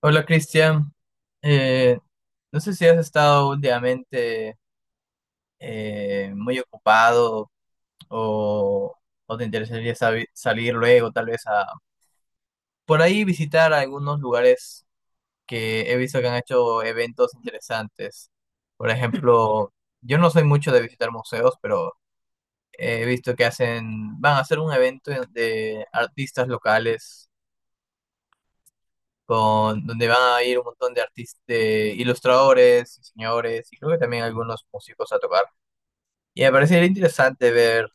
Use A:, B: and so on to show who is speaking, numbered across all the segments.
A: Hola Cristian. Eh, no sé si has estado últimamente muy ocupado o, o te interesaría salir luego tal vez a por ahí visitar algunos lugares que he visto que han hecho eventos interesantes. Por ejemplo, yo no soy mucho de visitar museos, pero he visto que hacen, van a hacer un evento de artistas locales con, donde van a ir un montón de artistas, de ilustradores, diseñadores y creo que también algunos músicos a tocar. Y me parecería interesante ver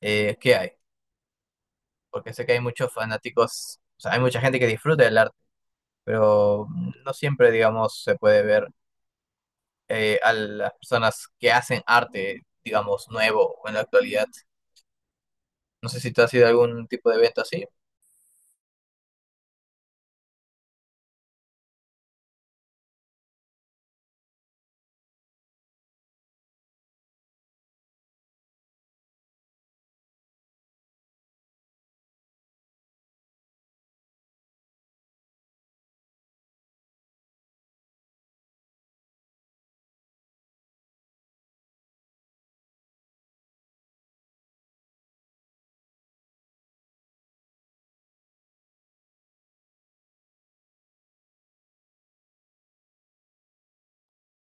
A: qué hay, porque sé que hay muchos fanáticos, o sea, hay mucha gente que disfruta del arte, pero no siempre, digamos, se puede ver a las personas que hacen arte, digamos, nuevo o en la actualidad. No sé si tú has ido a algún tipo de evento así.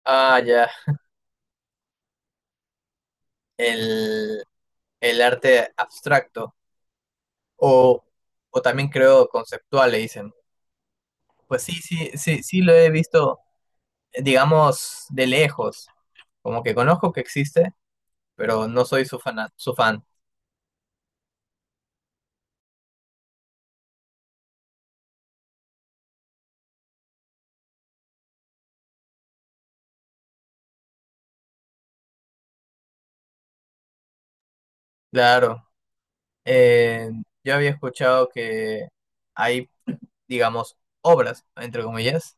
A: Ah, ya, el, el arte abstracto o, o también creo conceptual, le dicen. Pues sí, sí, sí, sí lo he visto, digamos, de lejos. Como que conozco que existe, pero no soy su fan, su fan. Claro. Eh, yo había escuchado que hay, digamos, obras, entre comillas,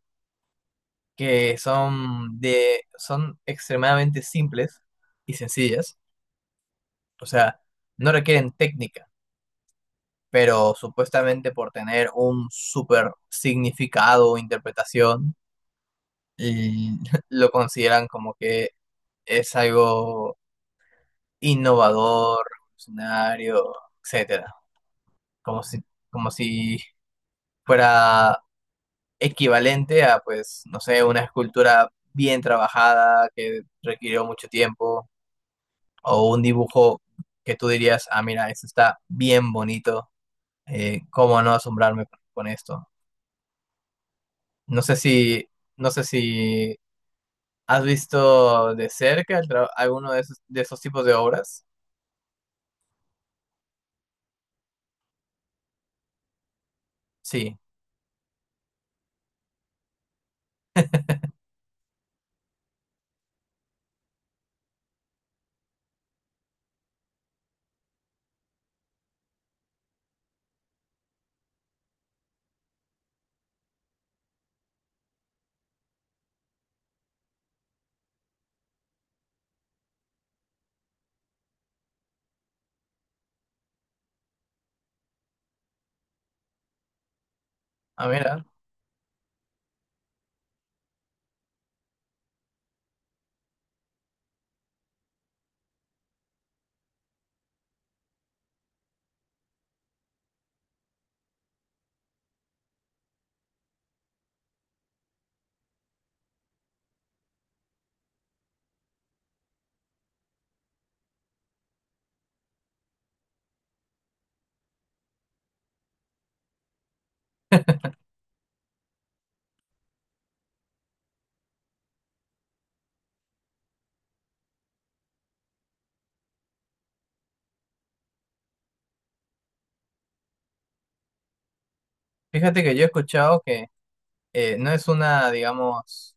A: que son de, son extremadamente simples y sencillas. O sea, no requieren técnica, pero supuestamente por tener un super significado o interpretación, l- lo consideran como que es algo innovador, revolucionario, etcétera. Como si, como si fuera equivalente a, pues, no sé, una escultura bien trabajada que requirió mucho tiempo o un dibujo que tú dirías, ah, mira, esto está bien bonito, ¿cómo no asombrarme con esto? No sé si, no sé si has visto de cerca el alguno de esos tipos de obras. Sí, ah, mira. Fíjate que yo he escuchado que no es una, digamos,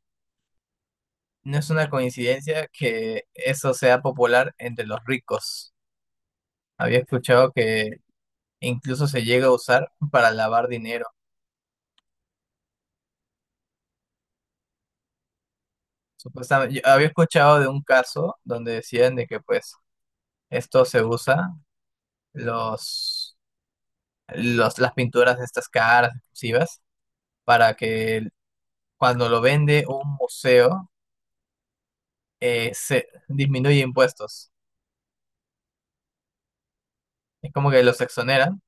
A: no es una coincidencia que eso sea popular entre los ricos. Había escuchado que incluso se llega a usar para lavar dinero. Supuestamente, yo había escuchado de un caso donde decían de que pues esto se usa, los, los, las pinturas de estas caras exclusivas, para que cuando lo vende un museo se disminuye impuestos. Es como que los exoneran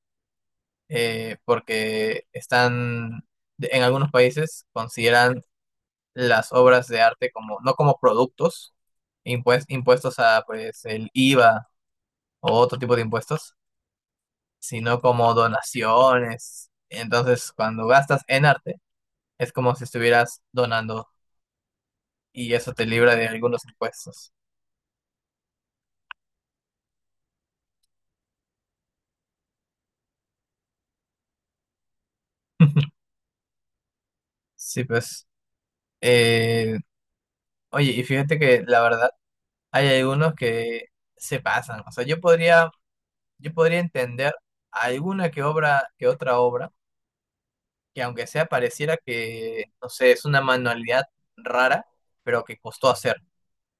A: porque están, en algunos países consideran las obras de arte como, no como productos, impuestos a pues el IVA o otro tipo de impuestos, sino como donaciones. Entonces, cuando gastas en arte, es como si estuvieras donando y eso te libra de algunos impuestos. Sí, pues. eh, oye, y fíjate que la verdad hay algunos que se pasan. O sea, yo podría entender alguna que obra, que otra obra, que aunque sea pareciera que, no sé, es una manualidad rara, pero que costó hacer.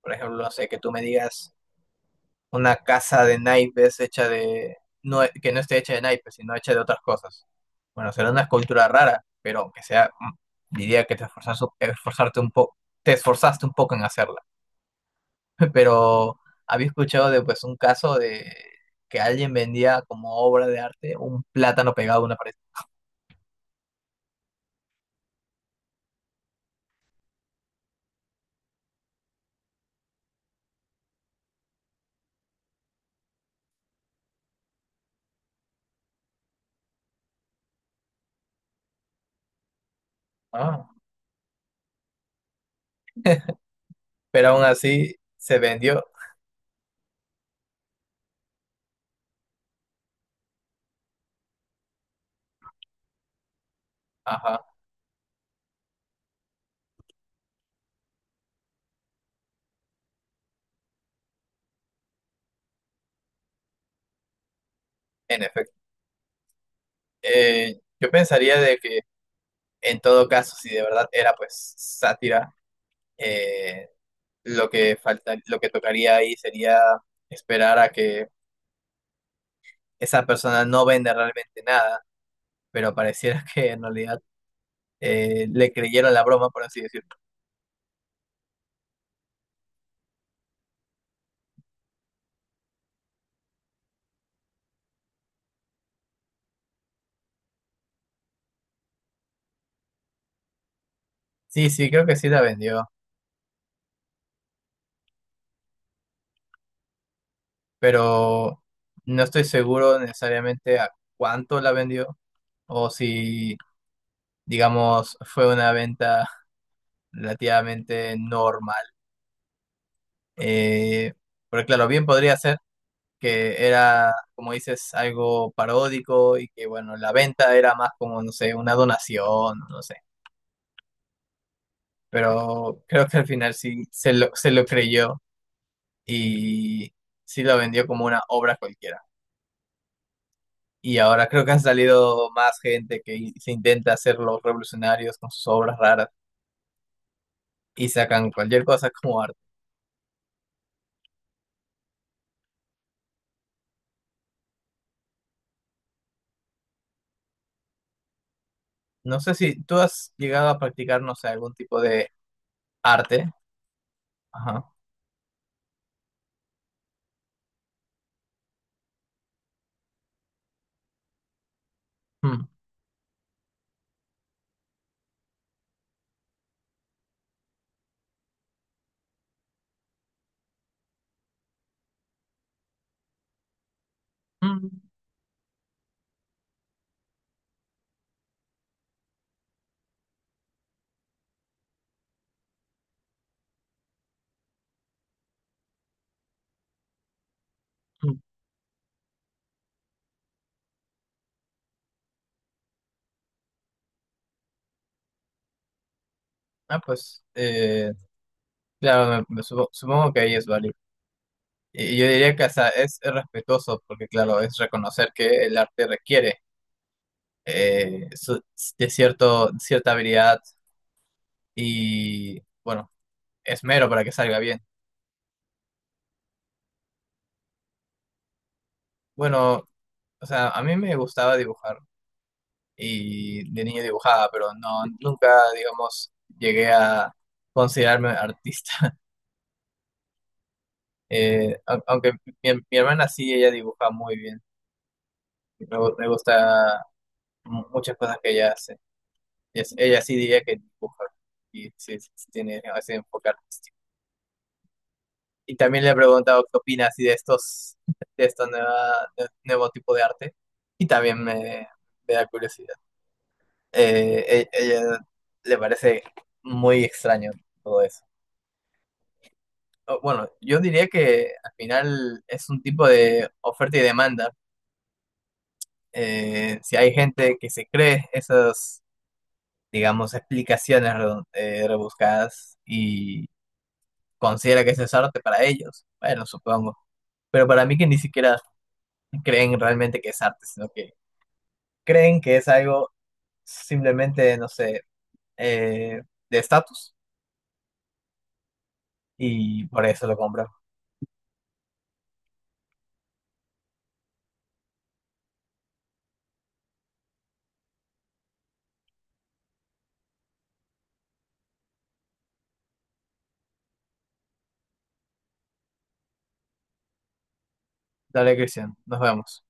A: Por ejemplo, no sé, que tú me digas una casa de naipes hecha de, no, que no esté hecha de naipes, sino hecha de otras cosas. Bueno, será una escultura rara, pero que sea, diría que te esforzaste, esforzarte un poco, te esforzaste un poco en hacerla. pero había escuchado de pues un caso de que alguien vendía como obra de arte un plátano pegado a una pared. Ah. Pero aún así se vendió. Ajá, en efecto. Yo pensaría de que en todo caso, si de verdad era pues sátira, eh, lo que falta, lo que tocaría ahí sería esperar a que esa persona no venda realmente nada, pero pareciera que en realidad le creyeron la broma, por así decirlo. Sí, sí, creo que sí la vendió. Pero no estoy seguro necesariamente a cuánto la vendió o si, digamos, fue una venta relativamente normal. Eh, pero claro, bien podría ser que era, como dices, algo paródico y que, bueno, la venta era más como, no sé, una donación, no sé. Pero creo que al final sí se lo creyó y sí lo vendió como una obra cualquiera. Y ahora creo que han salido más gente que se intenta hacer los revolucionarios con sus obras raras y sacan cualquier cosa como arte. No sé si tú has llegado a practicar, no sé, algún tipo de arte. Ajá. Mm, mm, mm. Ah, pues, claro, supongo que ahí es válido. Y yo diría que hasta es respetuoso, porque claro, es reconocer que el arte requiere eh, su- de cierto, cierta habilidad y, bueno, esmero para que salga bien. Bueno, o sea, a mí me gustaba dibujar y de niño dibujaba, pero no, nunca, digamos, llegué a considerarme artista. Aunque mi hermana sí, ella dibuja muy bien. Me gusta muchas cosas que ella hace. Y ella sí diría que dibuja y sí, sí tiene ese enfoque artístico. Y también le he preguntado qué opina así de estos, de estos nuevo tipo de arte. Y también me da curiosidad. Ella le parece muy extraño todo eso. Bueno, yo diría que al final es un tipo de oferta y demanda. Si hay gente que se cree esas, digamos, explicaciones rebuscadas y considera que eso es arte para ellos, bueno, supongo. Pero para mí que ni siquiera creen realmente que es arte, sino que creen que es algo simplemente, no sé, eh, de estatus y por eso lo compran. Dale, Cristian, nos vemos.